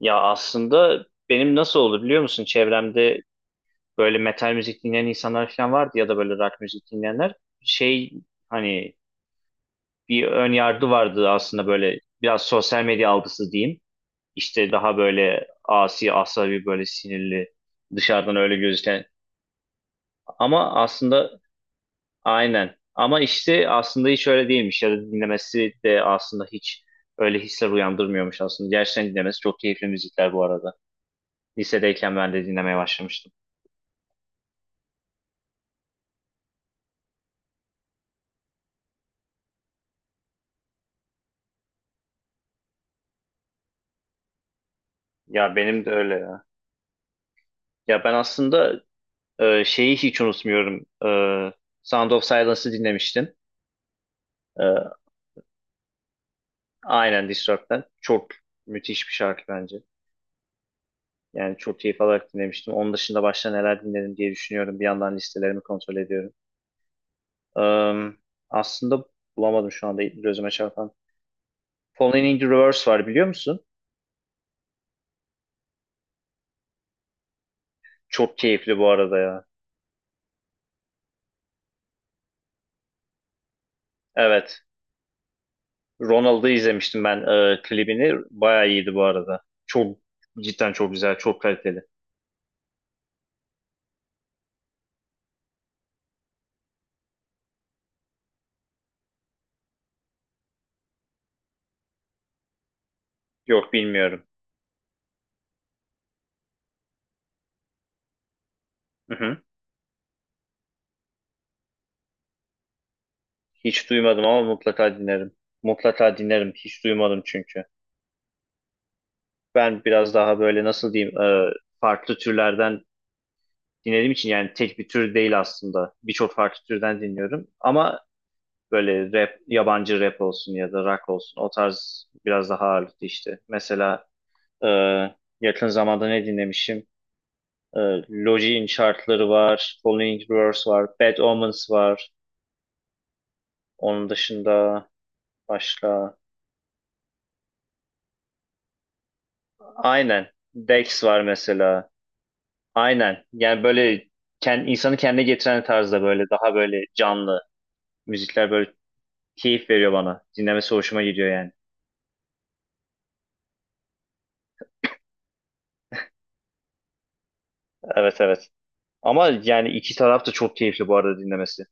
Ya aslında benim nasıl oldu biliyor musun? Çevremde böyle metal müzik dinleyen insanlar falan vardı ya da böyle rock müzik dinleyenler. Şey, hani, bir ön yargı vardı aslında, böyle biraz sosyal medya algısı diyeyim. İşte daha böyle asi, asabi, böyle sinirli, dışarıdan öyle gözüken. Ama aslında, aynen. Ama işte aslında hiç öyle değilmiş ya da dinlemesi de aslında hiç öyle hisler uyandırmıyormuş aslında. Gerçekten dinlemesi çok keyifli müzikler bu arada. Lisedeyken ben de dinlemeye başlamıştım. Ya benim de öyle ya. Ya ben aslında şeyi hiç unutmuyorum. Sound of Silence'ı dinlemiştim. E, aynen Disturbed'den. Çok müthiş bir şarkı bence. Yani çok keyif alarak dinlemiştim. Onun dışında başka neler dinledim diye düşünüyorum. Bir yandan listelerimi kontrol ediyorum. E, aslında bulamadım şu anda gözüme çarpan. Falling in the Reverse var, biliyor musun? Çok keyifli bu arada ya. Evet. Ronald'ı izlemiştim ben, klibini. Bayağı iyiydi bu arada. Çok, cidden çok güzel, çok kaliteli. Yok, bilmiyorum. Hı hı. Hiç duymadım ama mutlaka dinlerim. Mutlaka dinlerim. Hiç duymadım çünkü. Ben biraz daha böyle, nasıl diyeyim, farklı türlerden dinlediğim için, yani tek bir tür değil aslında. Birçok farklı türden dinliyorum. Ama böyle rap, yabancı rap olsun ya da rock olsun, o tarz biraz daha ağırlıklı işte. Mesela e, yakın zamanda ne dinlemişim? E, Logic'in şarkıları var. Following Verse var. Bad Omens var. Onun dışında başka... Aynen. Dex var mesela. Aynen. Yani böyle insanı kendine getiren tarzda, böyle daha böyle canlı müzikler, böyle keyif veriyor bana. Dinlemesi hoşuma gidiyor yani. Evet, evet. Ama yani iki taraf da çok keyifli bu arada dinlemesi.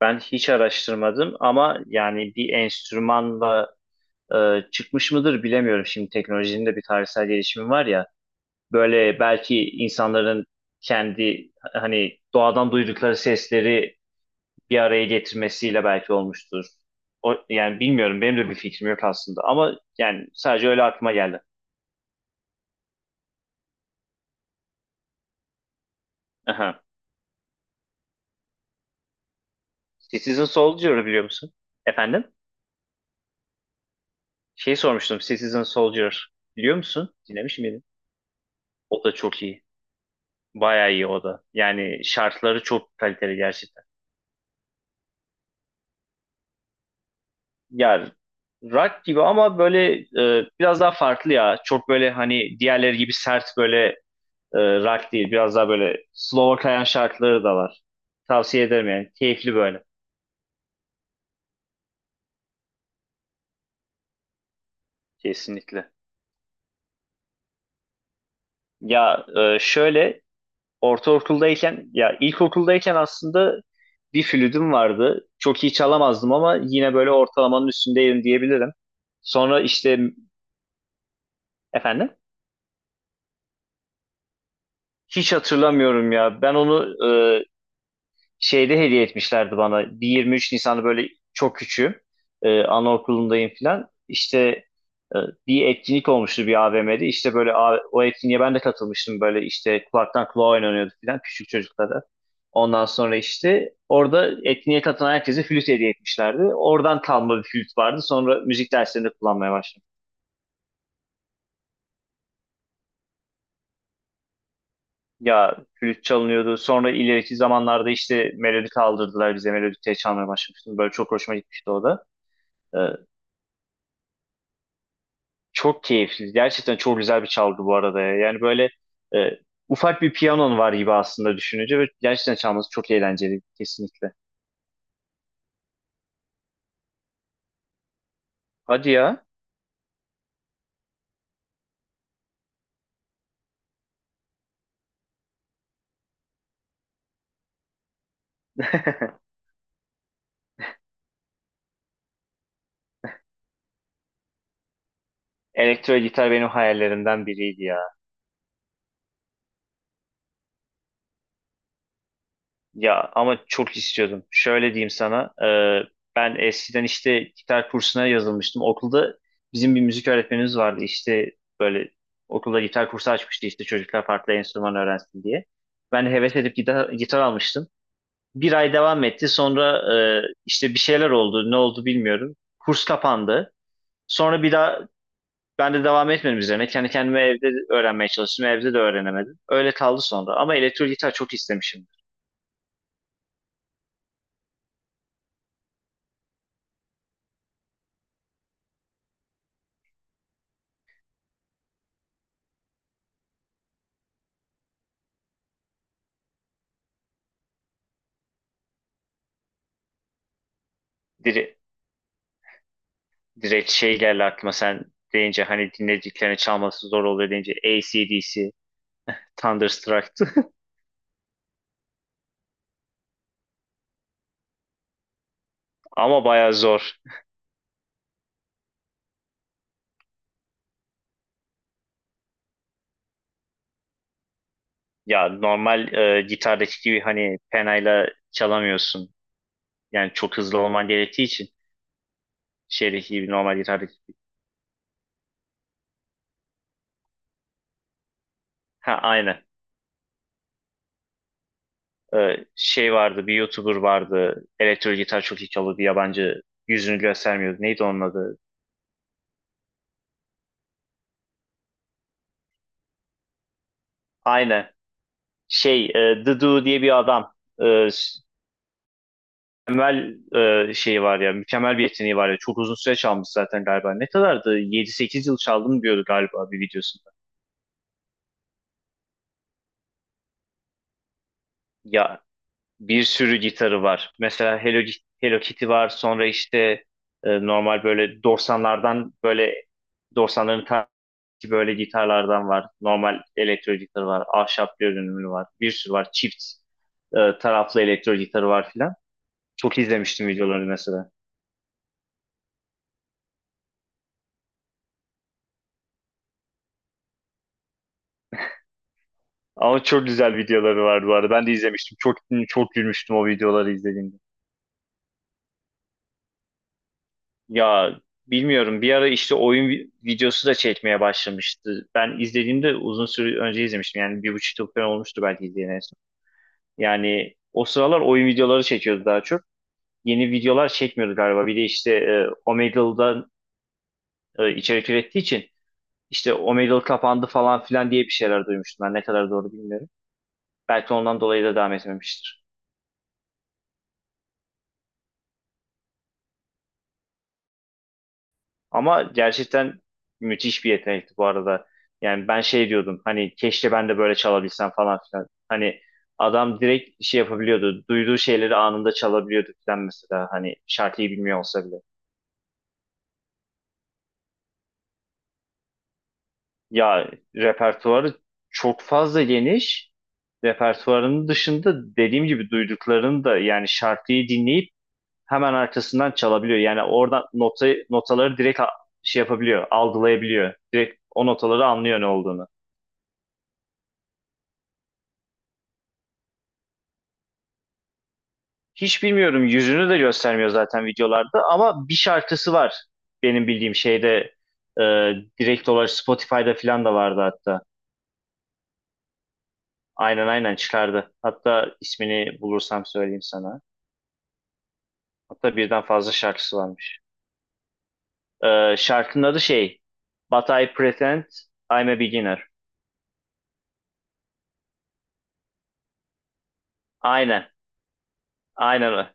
Ben hiç araştırmadım ama yani bir enstrümanla e, çıkmış mıdır bilemiyorum. Şimdi teknolojinin de bir tarihsel gelişimi var ya. Böyle belki insanların kendi, hani, doğadan duydukları sesleri bir araya getirmesiyle belki olmuştur. O, yani bilmiyorum, benim de bir fikrim yok aslında ama yani sadece öyle aklıma geldi. Aha. Citizen Soldier'ı biliyor musun? Efendim? Şey sormuştum, Citizen Soldier biliyor musun? Dinlemiş miydin? O da çok iyi. Bayağı iyi o da. Yani şartları çok kaliteli gerçekten. Yani rock gibi ama böyle biraz daha farklı ya. Çok böyle, hani, diğerleri gibi sert böyle rock değil. Biraz daha böyle slow'a kayan şarkıları da var. Tavsiye ederim yani. Keyifli böyle. Kesinlikle. Ya şöyle, ortaokuldayken ya ilkokuldayken aslında bir flütüm vardı. Çok iyi çalamazdım ama yine böyle ortalamanın üstündeydim diyebilirim. Sonra işte, efendim, hiç hatırlamıyorum ya. Ben onu şeyde hediye etmişlerdi bana. Bir 23 Nisan'da, böyle çok küçüğüm. Anaokulundayım falan. İşte e, bir etkinlik olmuştu bir AVM'de. İşte böyle o etkinliğe ben de katılmıştım. Böyle işte kulaktan kulağa oynanıyordu falan, küçük çocuklara. Ondan sonra işte orada etkinliğe katılan herkese flüt hediye etmişlerdi. Oradan kalma bir flüt vardı. Sonra müzik derslerinde kullanmaya başladım. Ya, flüt çalınıyordu. Sonra ileriki zamanlarda işte melodi kaldırdılar bize. Melodi çalmaya başlamıştım. Böyle çok hoşuma gitmişti o da. Ee, Çok keyifli. Gerçekten çok güzel bir çalgı bu arada ya. Yani böyle e, ufak bir piyanon var gibi aslında, düşününce, ve gerçekten çalması çok eğlenceli, kesinlikle. Hadi ya. Elektro gitar benim hayallerimden biriydi ya. Ya ama çok istiyordum. Şöyle diyeyim sana. Ben eskiden işte gitar kursuna yazılmıştım. Okulda bizim bir müzik öğretmenimiz vardı. İşte böyle okulda gitar kursu açmıştı, işte çocuklar farklı enstrüman öğrensin diye. Ben heves edip gitar almıştım. Bir ay devam etti. Sonra işte bir şeyler oldu. Ne oldu bilmiyorum. Kurs kapandı. Sonra bir daha ben de devam etmedim üzerine. Kendi kendime evde öğrenmeye çalıştım. Evde de öğrenemedim. Öyle kaldı sonra. Ama elektro gitar çok istemişim. Dire direkt şey geldi aklıma sen deyince, hani dinlediklerini çalması zor oluyor deyince, AC/DC Thunderstruck'tı. Ama bayağı zor. Ya, normal gitardaki gibi hani penayla çalamıyorsun. Yani çok hızlı olman gerektiği için, şeydeki gibi, normal gitardaki. Ha, aynen. Şey vardı, bir YouTuber vardı, elektro gitar çok iyi çalıyor, bir yabancı, yüzünü göstermiyordu. Neydi onun adı? Aynen, şey, The Do diye bir adam, e, s- mükemmel şeyi var ya, mükemmel bir yeteneği var ya. Çok uzun süre çalmış zaten galiba. Ne kadardı, 7-8 yıl çaldım diyordu galiba bir videosunda. Ya, bir sürü gitarı var mesela. Hello Kitty var, sonra işte normal böyle 90'lardan, böyle 90'ların. Ki böyle gitarlardan var. Normal elektro gitar var. Ahşap görünümlü var. Bir sürü var. Çift taraflı elektro gitarı var filan. Çok izlemiştim videoları mesela. Ama çok güzel videoları vardı bu arada. Ben de izlemiştim. Çok çok gülmüştüm o videoları izlediğimde. Ya bilmiyorum. Bir ara işte oyun videosu da çekmeye başlamıştı. Ben izlediğimde uzun süre önce izlemiştim. Yani bir buçuk yıl falan olmuştu belki izleyen en son. Yani o sıralar oyun videoları çekiyordu daha çok. Yeni videolar çekmiyordu galiba. Bir de işte Omegle'dan içerik ürettiği için, işte o Omegle kapandı falan filan diye bir şeyler duymuştum, ben ne kadar doğru bilmiyorum. Belki ondan dolayı da devam etmemiştir. Ama gerçekten müthiş bir yetenekti bu arada. Yani ben şey diyordum, hani keşke ben de böyle çalabilsem falan filan. Hani adam direkt şey yapabiliyordu. Duyduğu şeyleri anında çalabiliyordu filan mesela. Hani şarkıyı bilmiyor olsa bile. Ya, repertuarı çok fazla geniş, repertuarının dışında dediğim gibi duyduklarını da, yani şarkıyı dinleyip hemen arkasından çalabiliyor. Yani oradan notayı, notaları direkt şey yapabiliyor, algılayabiliyor. Direkt o notaları anlıyor ne olduğunu. Hiç bilmiyorum, yüzünü de göstermiyor zaten videolarda, ama bir şarkısı var benim bildiğim şeyde, e, direkt olarak Spotify'da falan da vardı hatta. Aynen, aynen çıkardı. Hatta ismini bulursam söyleyeyim sana. Hatta birden fazla şarkısı varmış. Şarkının adı şey But I Pretend I'm a Beginner. Aynen. Aynen o.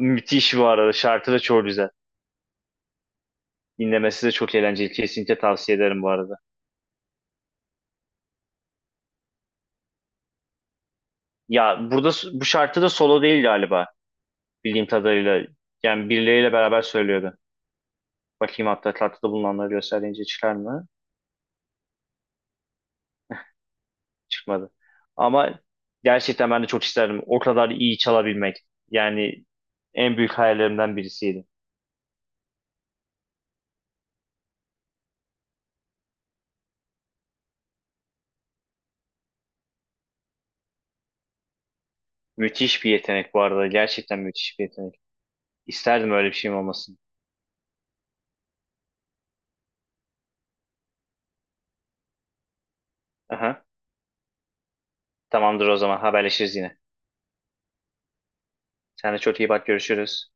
Müthiş bu arada. Şarkı da çok güzel. Dinlemesi de çok eğlenceli. Kesinlikle tavsiye ederim bu arada. Ya, burada bu şarkı da solo değil galiba. Bildiğim kadarıyla. Yani birileriyle beraber söylüyordu. Bakayım, hatta tatlıda bulunanları gösterince çıkar mı? Çıkmadı. Ama gerçekten ben de çok isterdim. O kadar iyi çalabilmek. Yani en büyük hayallerimden birisiydi. Müthiş bir yetenek bu arada. Gerçekten müthiş bir yetenek. İsterdim öyle bir şeyim olmasın. Aha. Tamamdır, o zaman haberleşiriz yine. Sen de çok iyi bak, görüşürüz.